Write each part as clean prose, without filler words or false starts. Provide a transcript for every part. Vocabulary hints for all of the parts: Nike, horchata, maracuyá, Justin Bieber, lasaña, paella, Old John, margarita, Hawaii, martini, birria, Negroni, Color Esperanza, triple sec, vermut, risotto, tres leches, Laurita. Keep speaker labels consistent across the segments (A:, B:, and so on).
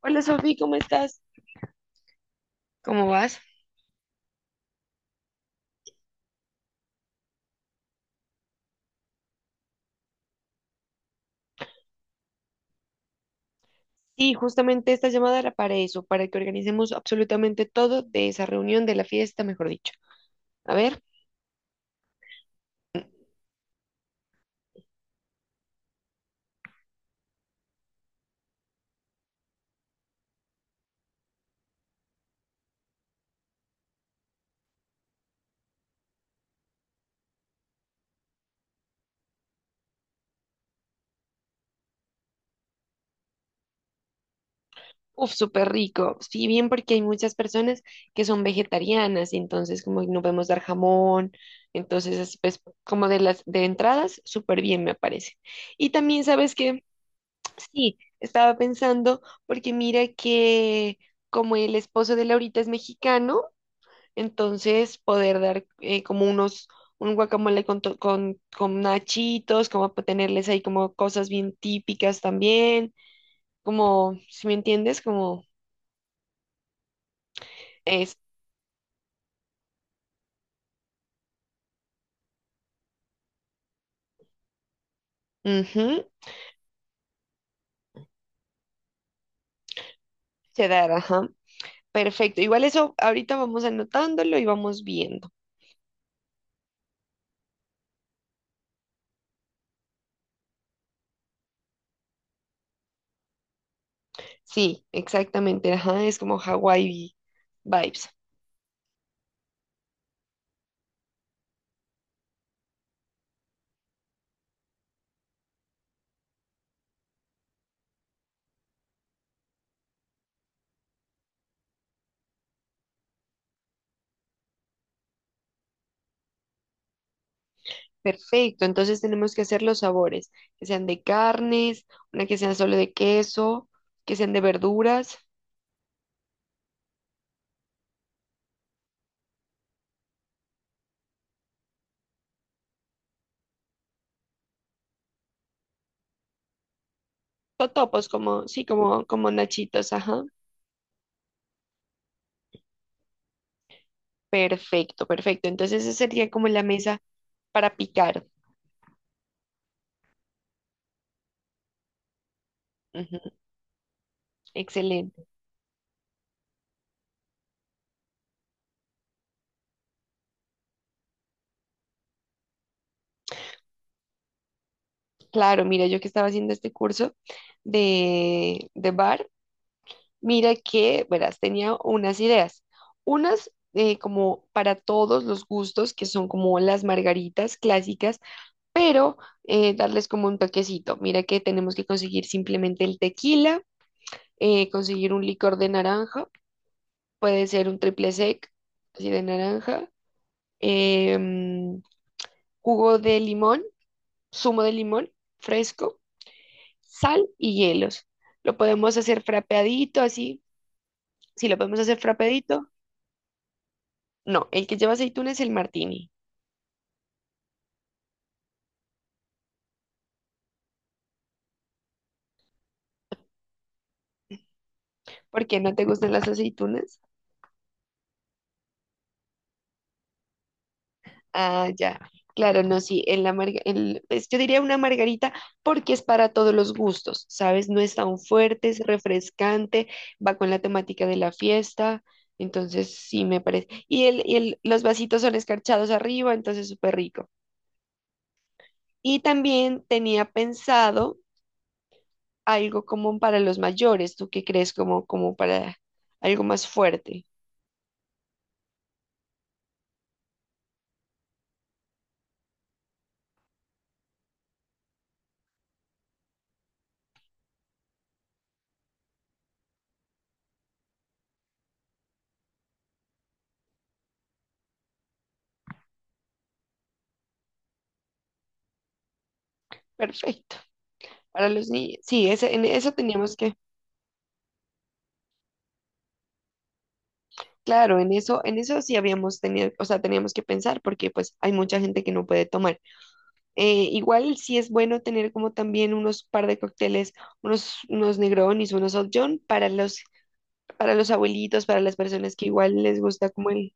A: Hola Sofi, ¿cómo estás? ¿Cómo vas? Sí, justamente esta llamada era para eso, para que organicemos absolutamente todo de esa reunión de la fiesta, mejor dicho. A ver, uf, súper rico. Sí, bien porque hay muchas personas que son vegetarianas, entonces como no podemos dar jamón, entonces es, pues como de las de entradas, súper bien me parece. Y también sabes que sí, estaba pensando porque mira que como el esposo de Laurita es mexicano, entonces poder dar como unos, un guacamole con nachitos, como tenerles ahí como cosas bien típicas también, como, si me entiendes, como es, ujú, quedar, ajá. Perfecto, igual eso ahorita vamos anotándolo y vamos viendo. Sí, exactamente, ajá, es como Hawaii vibes. Perfecto, entonces tenemos que hacer los sabores, que sean de carnes, una que sean solo de queso, que sean de verduras. Totopos, como, sí, como, como nachitos, ajá. Perfecto, perfecto. Entonces esa sería como la mesa para picar. Ujú, excelente. Claro, mira, yo que estaba haciendo este curso de bar, mira que, verás, tenía unas ideas. Unas como para todos los gustos, que son como las margaritas clásicas, pero darles como un toquecito. Mira que tenemos que conseguir simplemente el tequila, conseguir un licor de naranja. Puede ser un triple sec, así de naranja, em, jugo de limón, zumo de limón fresco, sal y hielos. Lo podemos hacer frapeadito, así. Si lo podemos hacer frapeadito, no. El que lleva aceitunas es el martini. ¿Por qué no te gustan las aceitunas? Ah, ya. Claro, no, sí, en la pues, yo diría una margarita porque es para todos los gustos, ¿sabes? No es tan fuerte, es refrescante, va con la temática de la fiesta, entonces sí me parece. Y, el, y los vasitos son escarchados arriba, entonces súper rico. Y también tenía pensado algo como para los mayores, ¿tú qué crees? Como, como para algo más fuerte. Perfecto. Para los niños. Sí, ese, en eso teníamos que... Claro, en eso sí habíamos tenido, o sea, teníamos que pensar porque pues hay mucha gente que no puede tomar. Igual sí es bueno tener como también unos par de cócteles, unos, unos Negronis, unos Old John para los abuelitos, para las personas que igual les gusta como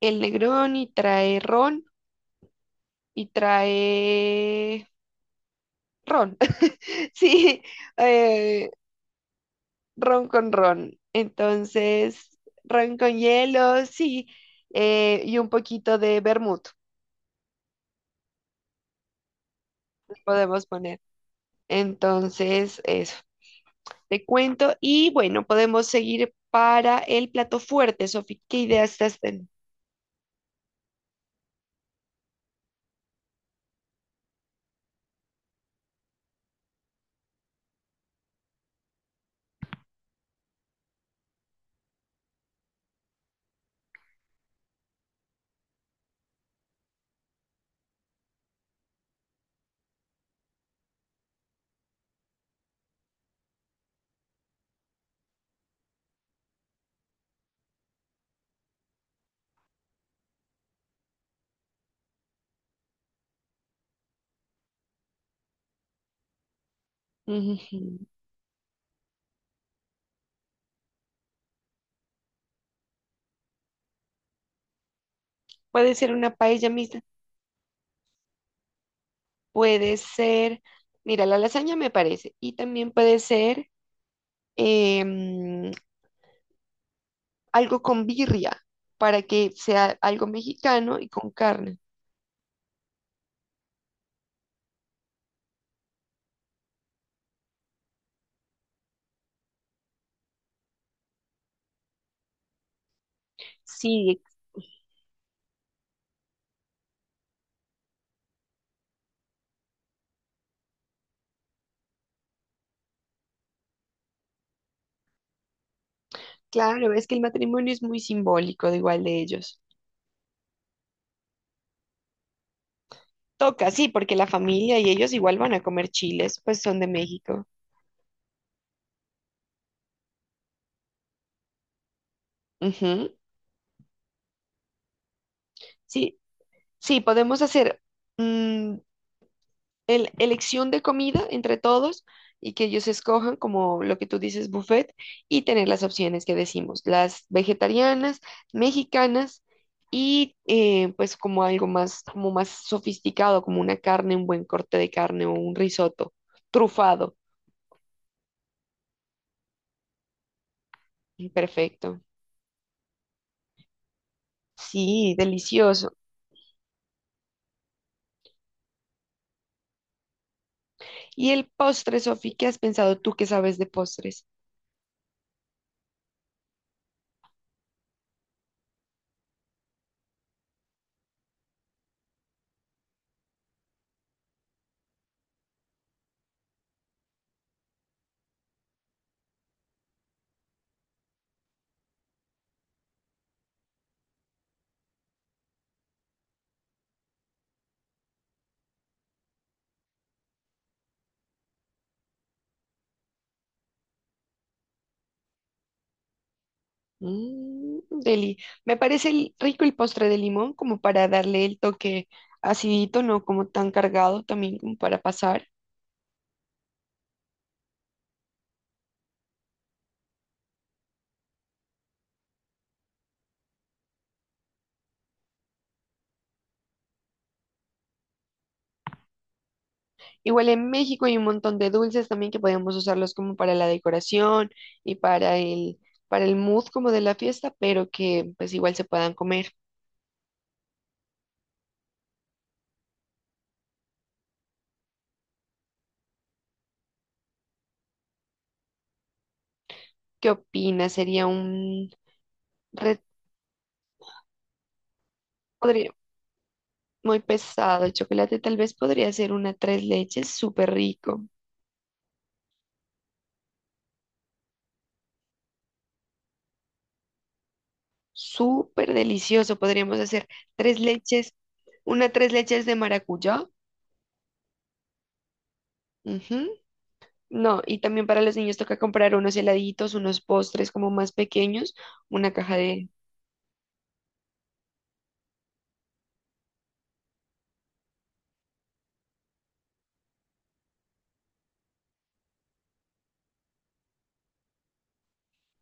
A: el Negroni, trae ron y trae ron. Sí, eh, ron con ron. Entonces, ron con hielo, sí, y un poquito de vermut. Podemos poner. Entonces, eso, te cuento. Y bueno, podemos seguir para el plato fuerte, Sofi. ¿Qué ideas estás teniendo? Ujujú. Puede ser una paella mixta, puede ser, mira, la lasaña me parece, y también puede ser em, algo con birria, para que sea algo mexicano y con carne. Sí, claro, es que el matrimonio es muy simbólico de igual de ellos. Toca, sí, porque la familia y ellos igual van a comer chiles, pues son de México. Ujú. Sí, sí, podemos hacer mm, elección de comida entre todos y que ellos escojan como lo que tú dices, buffet, y tener las opciones que decimos, las vegetarianas, mexicanas y pues como algo más, como más sofisticado, como una carne, un buen corte de carne o un risotto trufado. Perfecto. Sí, delicioso. ¿Y el postre, Sofi? ¿Qué has pensado tú que sabes de postres? Mm, deli. Me parece rico el postre de limón como para darle el toque acidito, no como tan cargado también como para pasar. Igual en México hay un montón de dulces también que podemos usarlos como para la decoración y para el mood como de la fiesta, pero que pues igual se puedan comer. ¿Qué opinas? Sería un re, podría muy pesado. El chocolate tal vez podría ser una tres leches súper rico, súper delicioso. Podríamos hacer tres leches. Una tres leches de maracuyá. Ujú. No, y también para los niños toca comprar unos heladitos, unos postres como más pequeños, una caja de...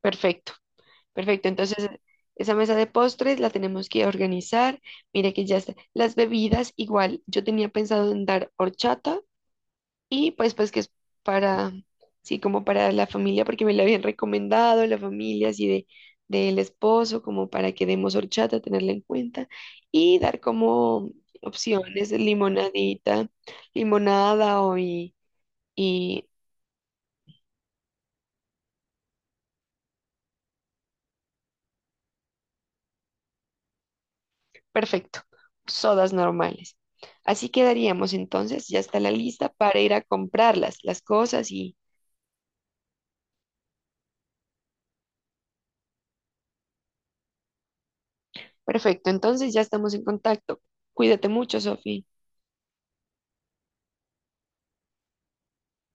A: Perfecto, perfecto. Entonces, esa mesa de postres la tenemos que organizar. Mira que ya está. Las bebidas, igual, yo tenía pensado en dar horchata. Y pues pues que es para, sí, como para la familia, porque me la habían recomendado, la familia así de del esposo, como para que demos horchata, tenerla en cuenta, y dar como opciones de limonadita, limonada o y perfecto, sodas normales. Así quedaríamos entonces, ya está la lista para ir a comprarlas, las cosas y perfecto, entonces ya estamos en contacto. Cuídate mucho, Sofía.